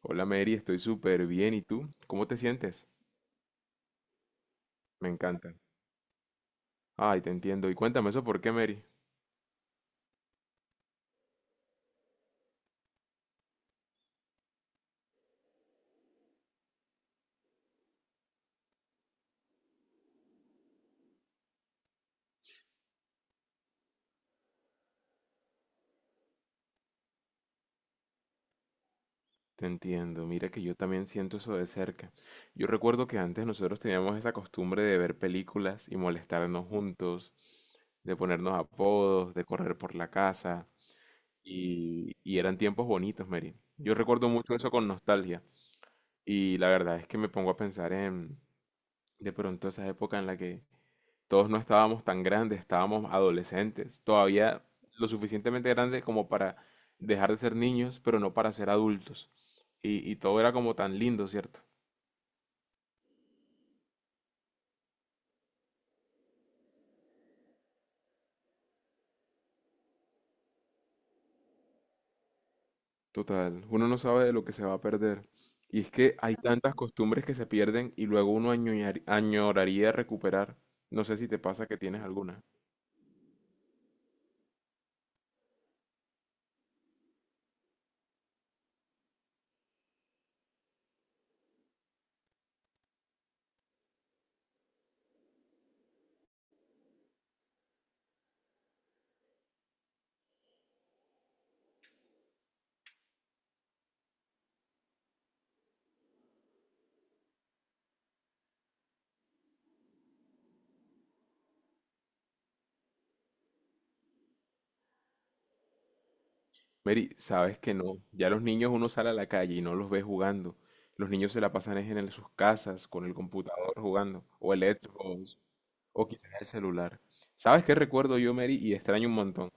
Hola Mary, estoy súper bien. ¿Y tú? ¿Cómo te sientes? Me encanta. Ay, te entiendo. Y cuéntame eso, ¿por qué Mary? Te entiendo. Mira que yo también siento eso de cerca. Yo recuerdo que antes nosotros teníamos esa costumbre de ver películas y molestarnos juntos, de ponernos apodos, de correr por la casa. Y eran tiempos bonitos, Mary. Yo recuerdo mucho eso con nostalgia. Y la verdad es que me pongo a pensar en de pronto esa época en la que todos no estábamos tan grandes, estábamos adolescentes, todavía lo suficientemente grandes como para dejar de ser niños, pero no para ser adultos. Y todo era como tan lindo, ¿cierto? Total, uno no sabe de lo que se va a perder. Y es que hay tantas costumbres que se pierden y luego uno añoraría recuperar. No sé si te pasa que tienes alguna. Mary, sabes que no. Ya los niños uno sale a la calle y no los ve jugando. Los niños se la pasan es en sus casas, con el computador jugando, o el Xbox, o quizás el celular. ¿Sabes qué recuerdo yo, Mary? Y extraño un montón.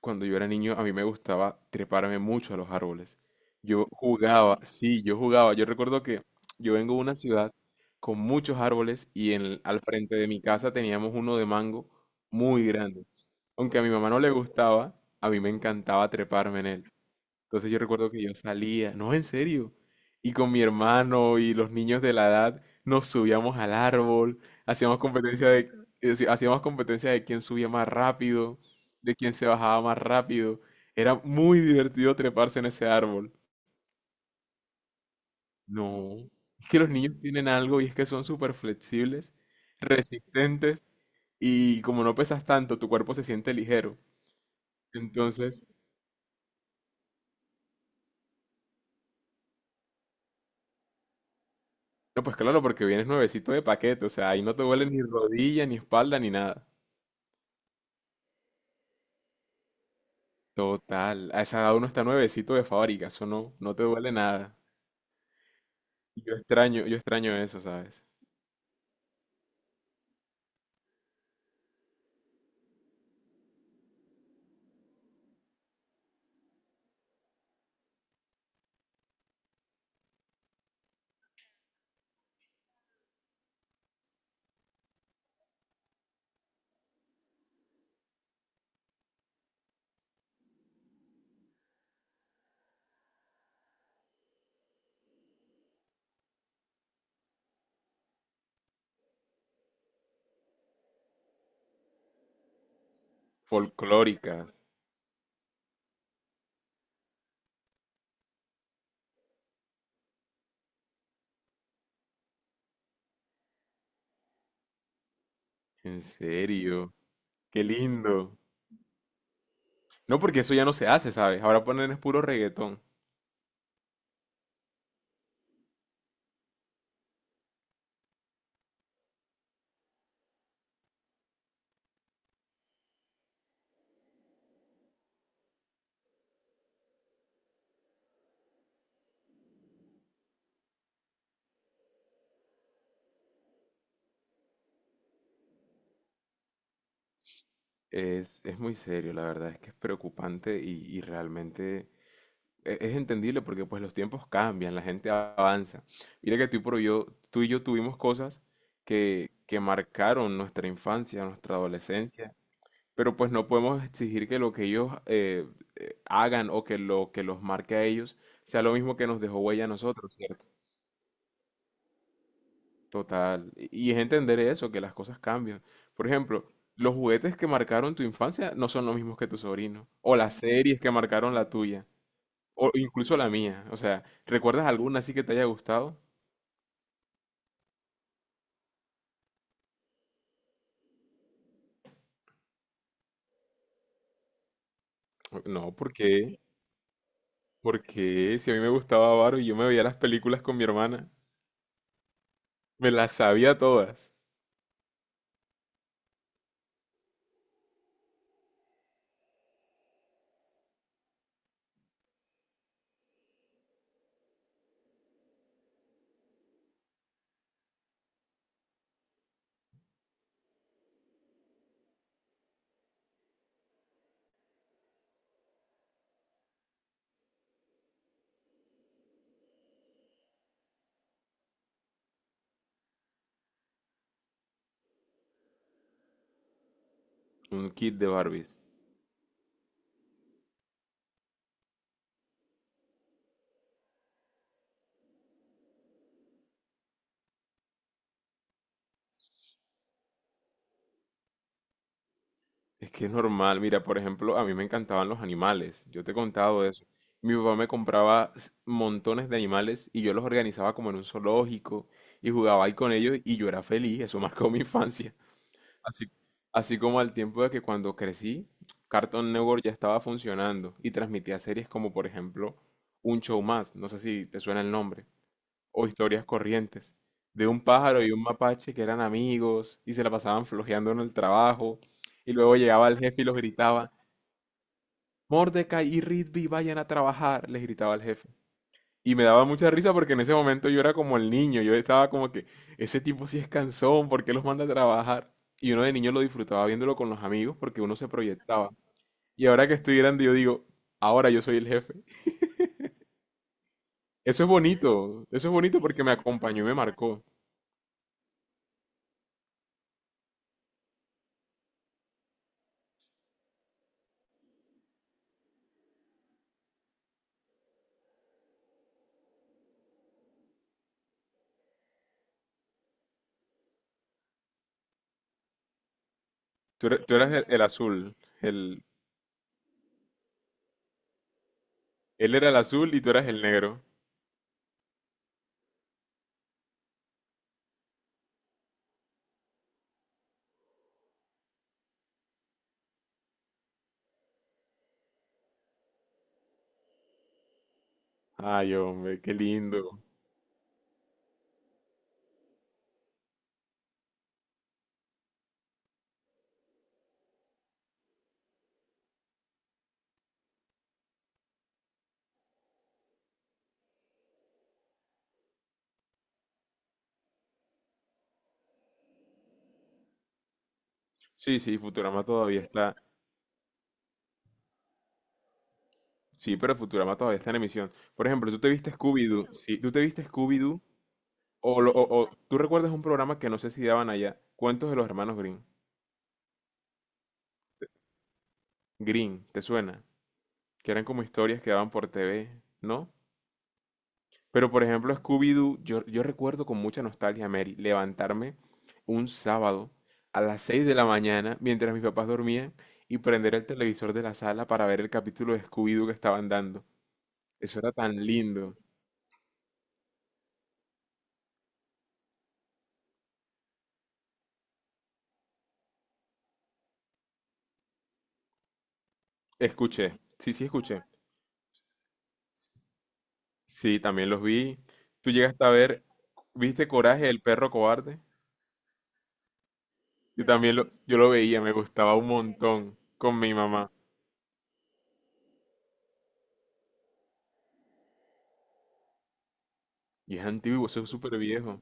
Cuando yo era niño, a mí me gustaba treparme mucho a los árboles. Yo jugaba, sí, yo jugaba. Yo recuerdo que yo vengo de una ciudad con muchos árboles y al frente de mi casa teníamos uno de mango muy grande. Aunque a mi mamá no le gustaba, a mí me encantaba treparme en él. Entonces yo recuerdo que yo salía, no, en serio, y con mi hermano y los niños de la edad nos subíamos al árbol, hacíamos competencia de, sí, hacíamos competencia de quién subía más rápido, de quién se bajaba más rápido. Era muy divertido treparse en ese árbol. No, es que los niños tienen algo y es que son súper flexibles, resistentes y como no pesas tanto, tu cuerpo se siente ligero. Entonces, no, pues claro, porque vienes nuevecito de paquete, o sea, ahí no te duele ni rodilla, ni espalda, ni nada. Total, a esa edad uno está nuevecito de fábrica, eso no, no te duele nada. Y yo extraño eso, ¿sabes? Folclóricas, en serio, qué lindo. No, porque eso ya no se hace, ¿sabes? Ahora ponen es puro reggaetón. Es muy serio, la verdad, es que es preocupante y realmente es entendible porque pues los tiempos cambian, la gente avanza. Mira que tú y yo tuvimos cosas que marcaron nuestra infancia, nuestra adolescencia, pero pues no podemos exigir que lo que ellos hagan o que lo que los marque a ellos sea lo mismo que nos dejó huella a nosotros, ¿cierto? Total. Y es entender eso, que las cosas cambian. Por ejemplo, los juguetes que marcaron tu infancia no son los mismos que tu sobrino, o las series que marcaron la tuya. O incluso la mía. O sea, ¿recuerdas alguna así que te haya gustado? No, porque, porque si a mí me gustaba Barbie, yo me veía las películas con mi hermana. Me las sabía todas. Un kit de Barbies. Es que es normal. Mira, por ejemplo, a mí me encantaban los animales. Yo te he contado eso. Mi papá me compraba montones de animales y yo los organizaba como en un zoológico y jugaba ahí con ellos y yo era feliz. Eso marcó mi infancia. Así, así como al tiempo de que cuando crecí, Cartoon Network ya estaba funcionando y transmitía series como por ejemplo Un Show Más, no sé si te suena el nombre, o Historias Corrientes, de un pájaro y un mapache que eran amigos y se la pasaban flojeando en el trabajo y luego llegaba el jefe y los gritaba, Mordecai y Rigby vayan a trabajar, les gritaba el jefe. Y me daba mucha risa porque en ese momento yo era como el niño, yo estaba como que, ese tipo sí es cansón, ¿por qué los manda a trabajar? Y uno de niño lo disfrutaba viéndolo con los amigos porque uno se proyectaba. Y ahora que estoy grande yo digo, ahora yo soy el jefe. Eso es bonito porque me acompañó y me marcó. Tú, er- tú eras el azul, el, él era el azul y tú eras el negro. Ay, hombre, qué lindo. Sí, sí, Futurama todavía está. Sí, pero Futurama todavía está en emisión. Por ejemplo, tú te viste Scooby-Doo. Sí, tú te viste Scooby-Doo. O tú recuerdas un programa que no sé si daban allá, Cuentos de los Hermanos Green, ¿te suena? Que eran como historias que daban por TV, ¿no? Pero por ejemplo, Scooby-Doo, yo recuerdo con mucha nostalgia, Mary, levantarme un sábado a las 6 de la mañana mientras mis papás dormían y prender el televisor de la sala para ver el capítulo de Scooby-Doo que estaban dando. Eso era tan lindo. Escuché, sí, sí, escuché. Sí, también los vi. Tú llegaste a ver, ¿viste Coraje, el perro cobarde? Yo lo veía, me gustaba un montón con mi mamá. Y es antiguo, eso es súper viejo.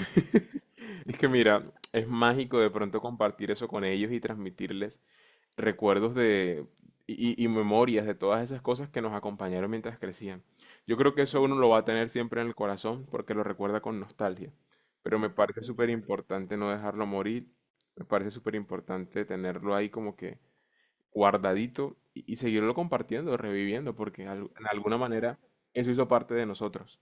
Es que mira, es mágico de pronto compartir eso con ellos y transmitirles recuerdos y memorias de todas esas cosas que nos acompañaron mientras crecían. Yo creo que eso uno lo va a tener siempre en el corazón porque lo recuerda con nostalgia. Pero me parece súper importante no dejarlo morir. Me parece súper importante tenerlo ahí como que guardadito y seguirlo compartiendo, reviviendo, porque en alguna manera eso hizo parte de nosotros.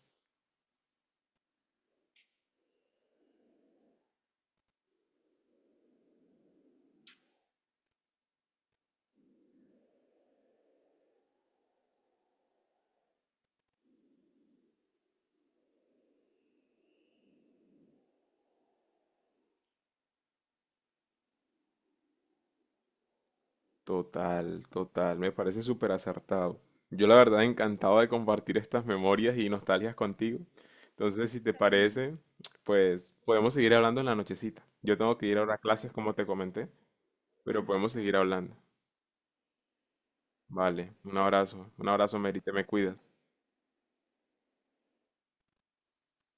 Total, total, me parece súper acertado. Yo la verdad encantado de compartir estas memorias y nostalgias contigo. Entonces, si te parece, pues podemos seguir hablando en la nochecita. Yo tengo que ir ahora a clases, como te comenté, pero podemos seguir hablando. Vale, un abrazo, Mary, te me cuidas.